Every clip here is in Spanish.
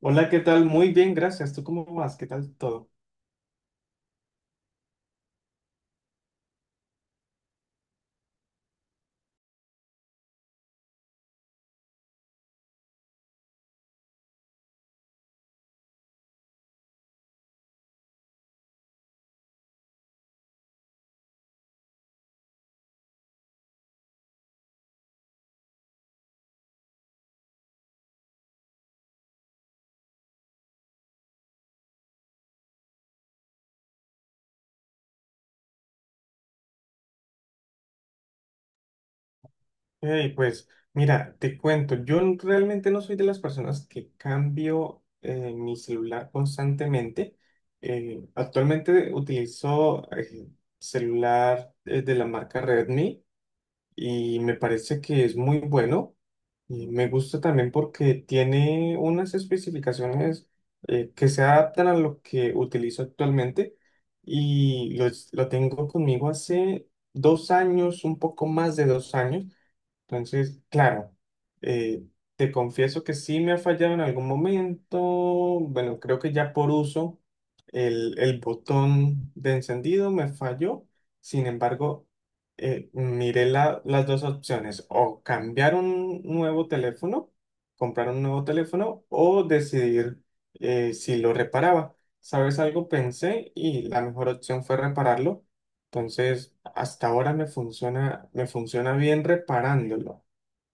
Hola, ¿qué tal? Muy bien, gracias. ¿Tú cómo vas? ¿Qué tal todo? Hey, pues mira, te cuento, realmente no soy de las personas que cambio mi celular constantemente. Actualmente utilizo celular de la marca Redmi. Y me parece que es muy bueno. Y me gusta también porque tiene unas especificaciones que se adaptan a lo que utilizo actualmente y lo tengo conmigo hace dos años, un poco más de dos años. Entonces, claro, eh, te confieso que sí me ha fallado en algún momento. Bueno, creo que ya por uso el botón de encendido me falló. Sin embargo, las dos opciones, o cambiar un nuevo teléfono, comprar un nuevo teléfono, o decidir si lo reparaba. ¿Sabes algo? Pensé y la mejor opción fue repararlo. Entonces, hasta ahora me funciona bien reparándolo.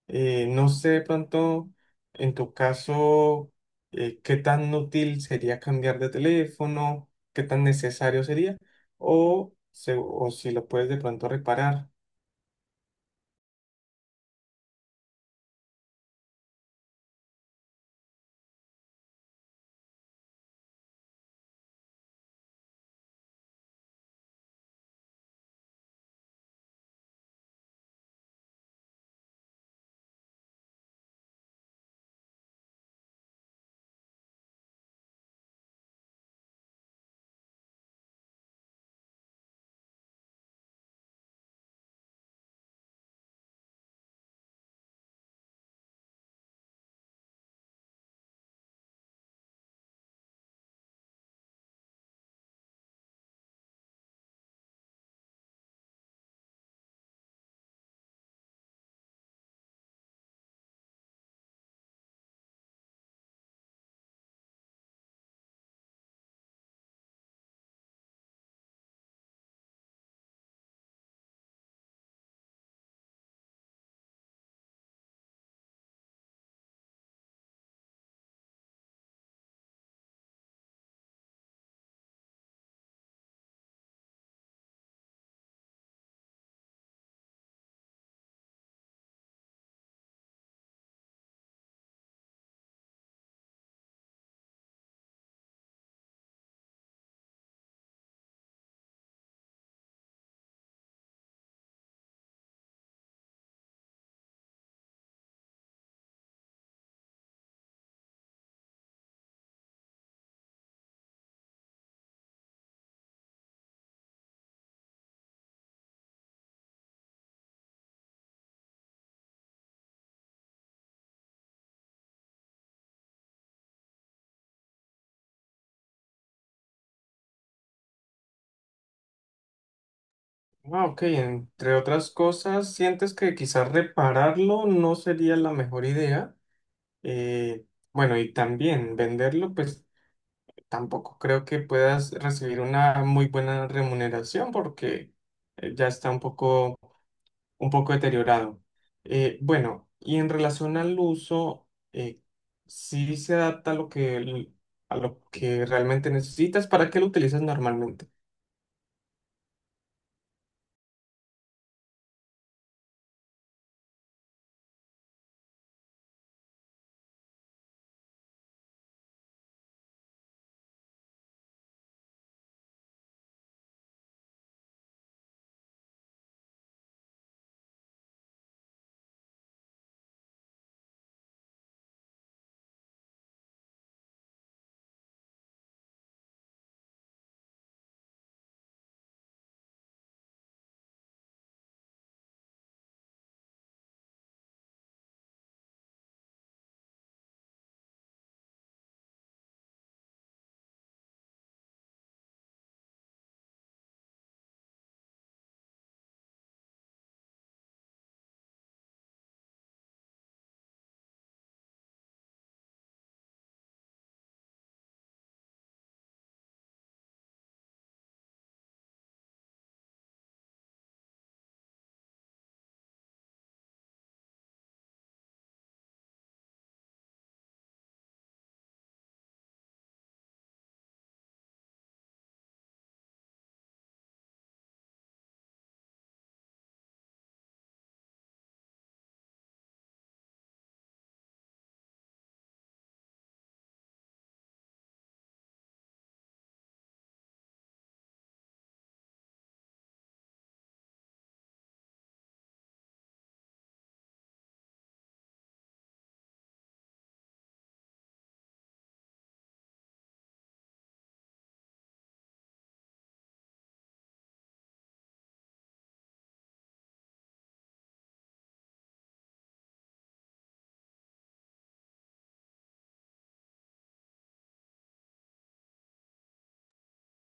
No sé, de pronto, en tu caso, qué tan útil sería cambiar de teléfono, qué tan necesario sería, o si lo puedes de pronto reparar. Ah, ok, entre otras cosas, sientes que quizás repararlo no sería la mejor idea. Eh, bueno, y también venderlo, pues tampoco creo que puedas recibir una muy buena remuneración porque ya está un poco deteriorado. Bueno, y en relación al uso, eh, sí se adapta a a lo que realmente necesitas, ¿para qué lo utilizas normalmente?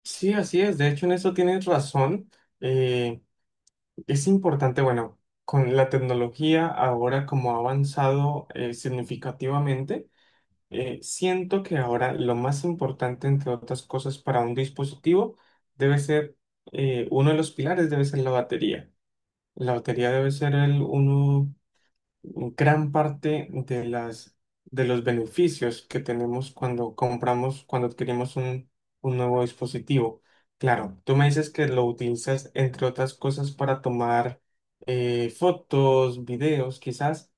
Sí, así es, de hecho en eso tienes razón. Eh, es importante, bueno, con la tecnología ahora como ha avanzado significativamente, siento que ahora lo más importante, entre otras cosas, para un dispositivo debe ser, uno de los pilares debe ser la batería. La lotería debe ser el uno, gran parte de de los beneficios que tenemos cuando compramos, cuando adquirimos un nuevo dispositivo. Claro, tú me dices que lo utilizas, entre otras cosas, para tomar fotos, videos, quizás.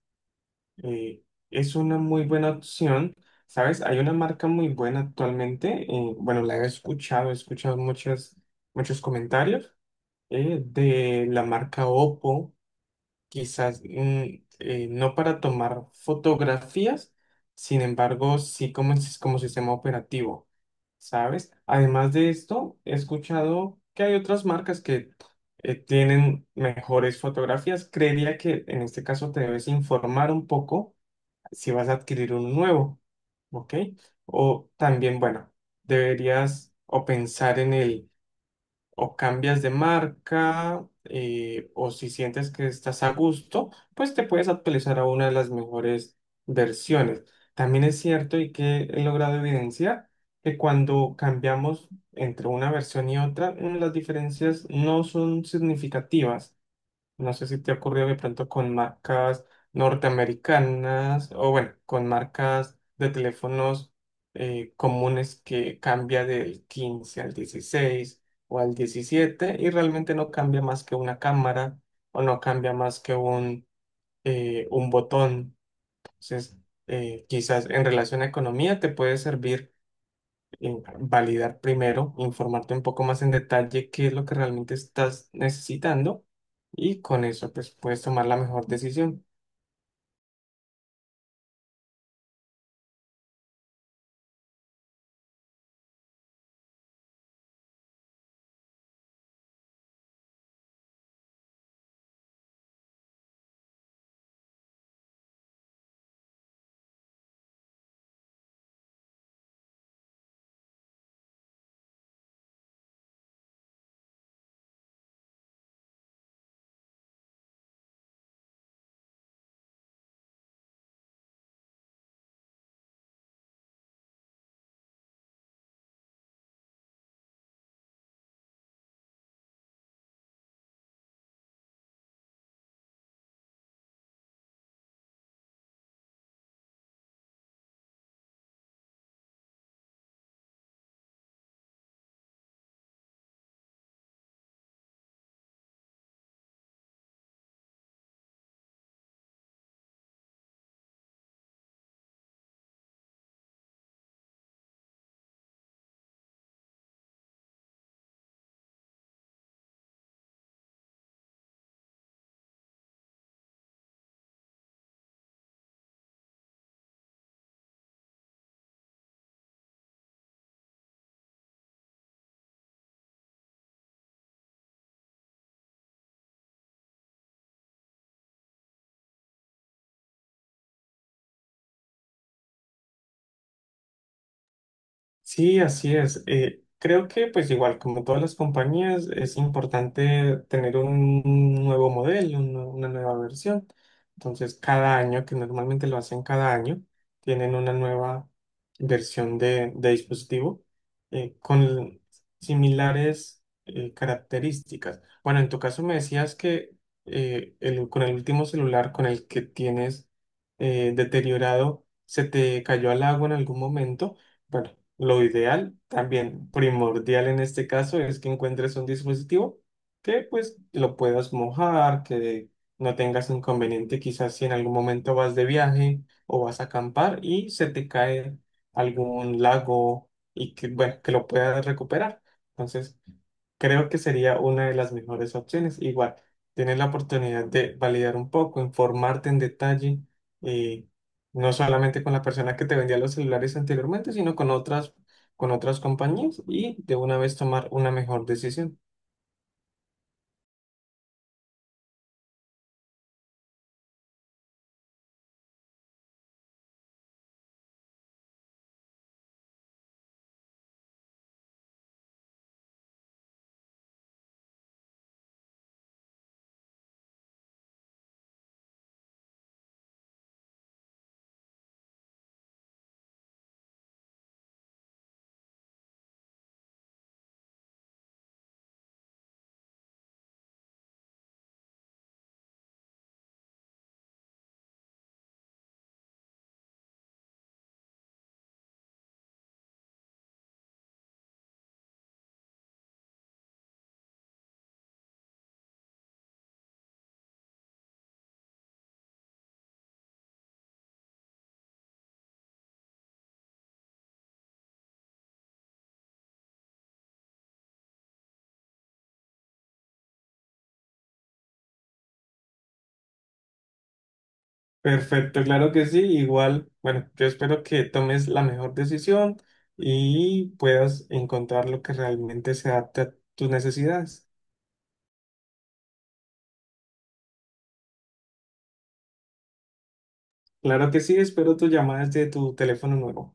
eh, es una muy buena opción. ¿Sabes? Hay una marca muy buena actualmente. Bueno, la he escuchado muchos comentarios de la marca Oppo, quizás no para tomar fotografías. Sin embargo, sí como, como sistema operativo, ¿sabes? Además de esto, he escuchado que hay otras marcas que tienen mejores fotografías. Creería que en este caso te debes informar un poco si vas a adquirir uno nuevo, ¿ok? O también, bueno, deberías o pensar en el o cambias de marca, o si sientes que estás a gusto, pues te puedes actualizar a una de las mejores versiones. También es cierto y que he logrado evidenciar que cuando cambiamos entre una versión y otra, las diferencias no son significativas. No sé si te ha ocurrido de pronto con marcas norteamericanas o bueno, con marcas de teléfonos comunes que cambia del 15 al 16 o al 17 y realmente no cambia más que una cámara o no cambia más que un botón. Entonces, quizás en relación a economía te puede servir validar primero, informarte un poco más en detalle qué es lo que realmente estás necesitando y con eso pues puedes tomar la mejor decisión. Sí, así es. Creo que pues igual como todas las compañías es importante tener un nuevo modelo, una nueva versión. Entonces cada año, que normalmente lo hacen cada año, tienen una nueva versión de dispositivo con similares características. Bueno, en tu caso me decías que con el último celular con el que tienes deteriorado se te cayó al agua en algún momento. Bueno, lo ideal, también primordial en este caso, es que encuentres un dispositivo que pues lo puedas mojar, que no tengas inconveniente quizás si en algún momento vas de viaje o vas a acampar y se te cae algún lago y que, bueno, que lo puedas recuperar. Entonces, creo que sería una de las mejores opciones. Igual, tienes la oportunidad de validar un poco, informarte en detalle. eh, no solamente con la persona que te vendía los celulares anteriormente, sino con otras compañías y de una vez tomar una mejor decisión. Perfecto, claro que sí. Igual, bueno, yo espero que tomes la mejor decisión y puedas encontrar lo que realmente se adapte a tus necesidades. Claro que sí, espero tus llamadas de tu teléfono nuevo.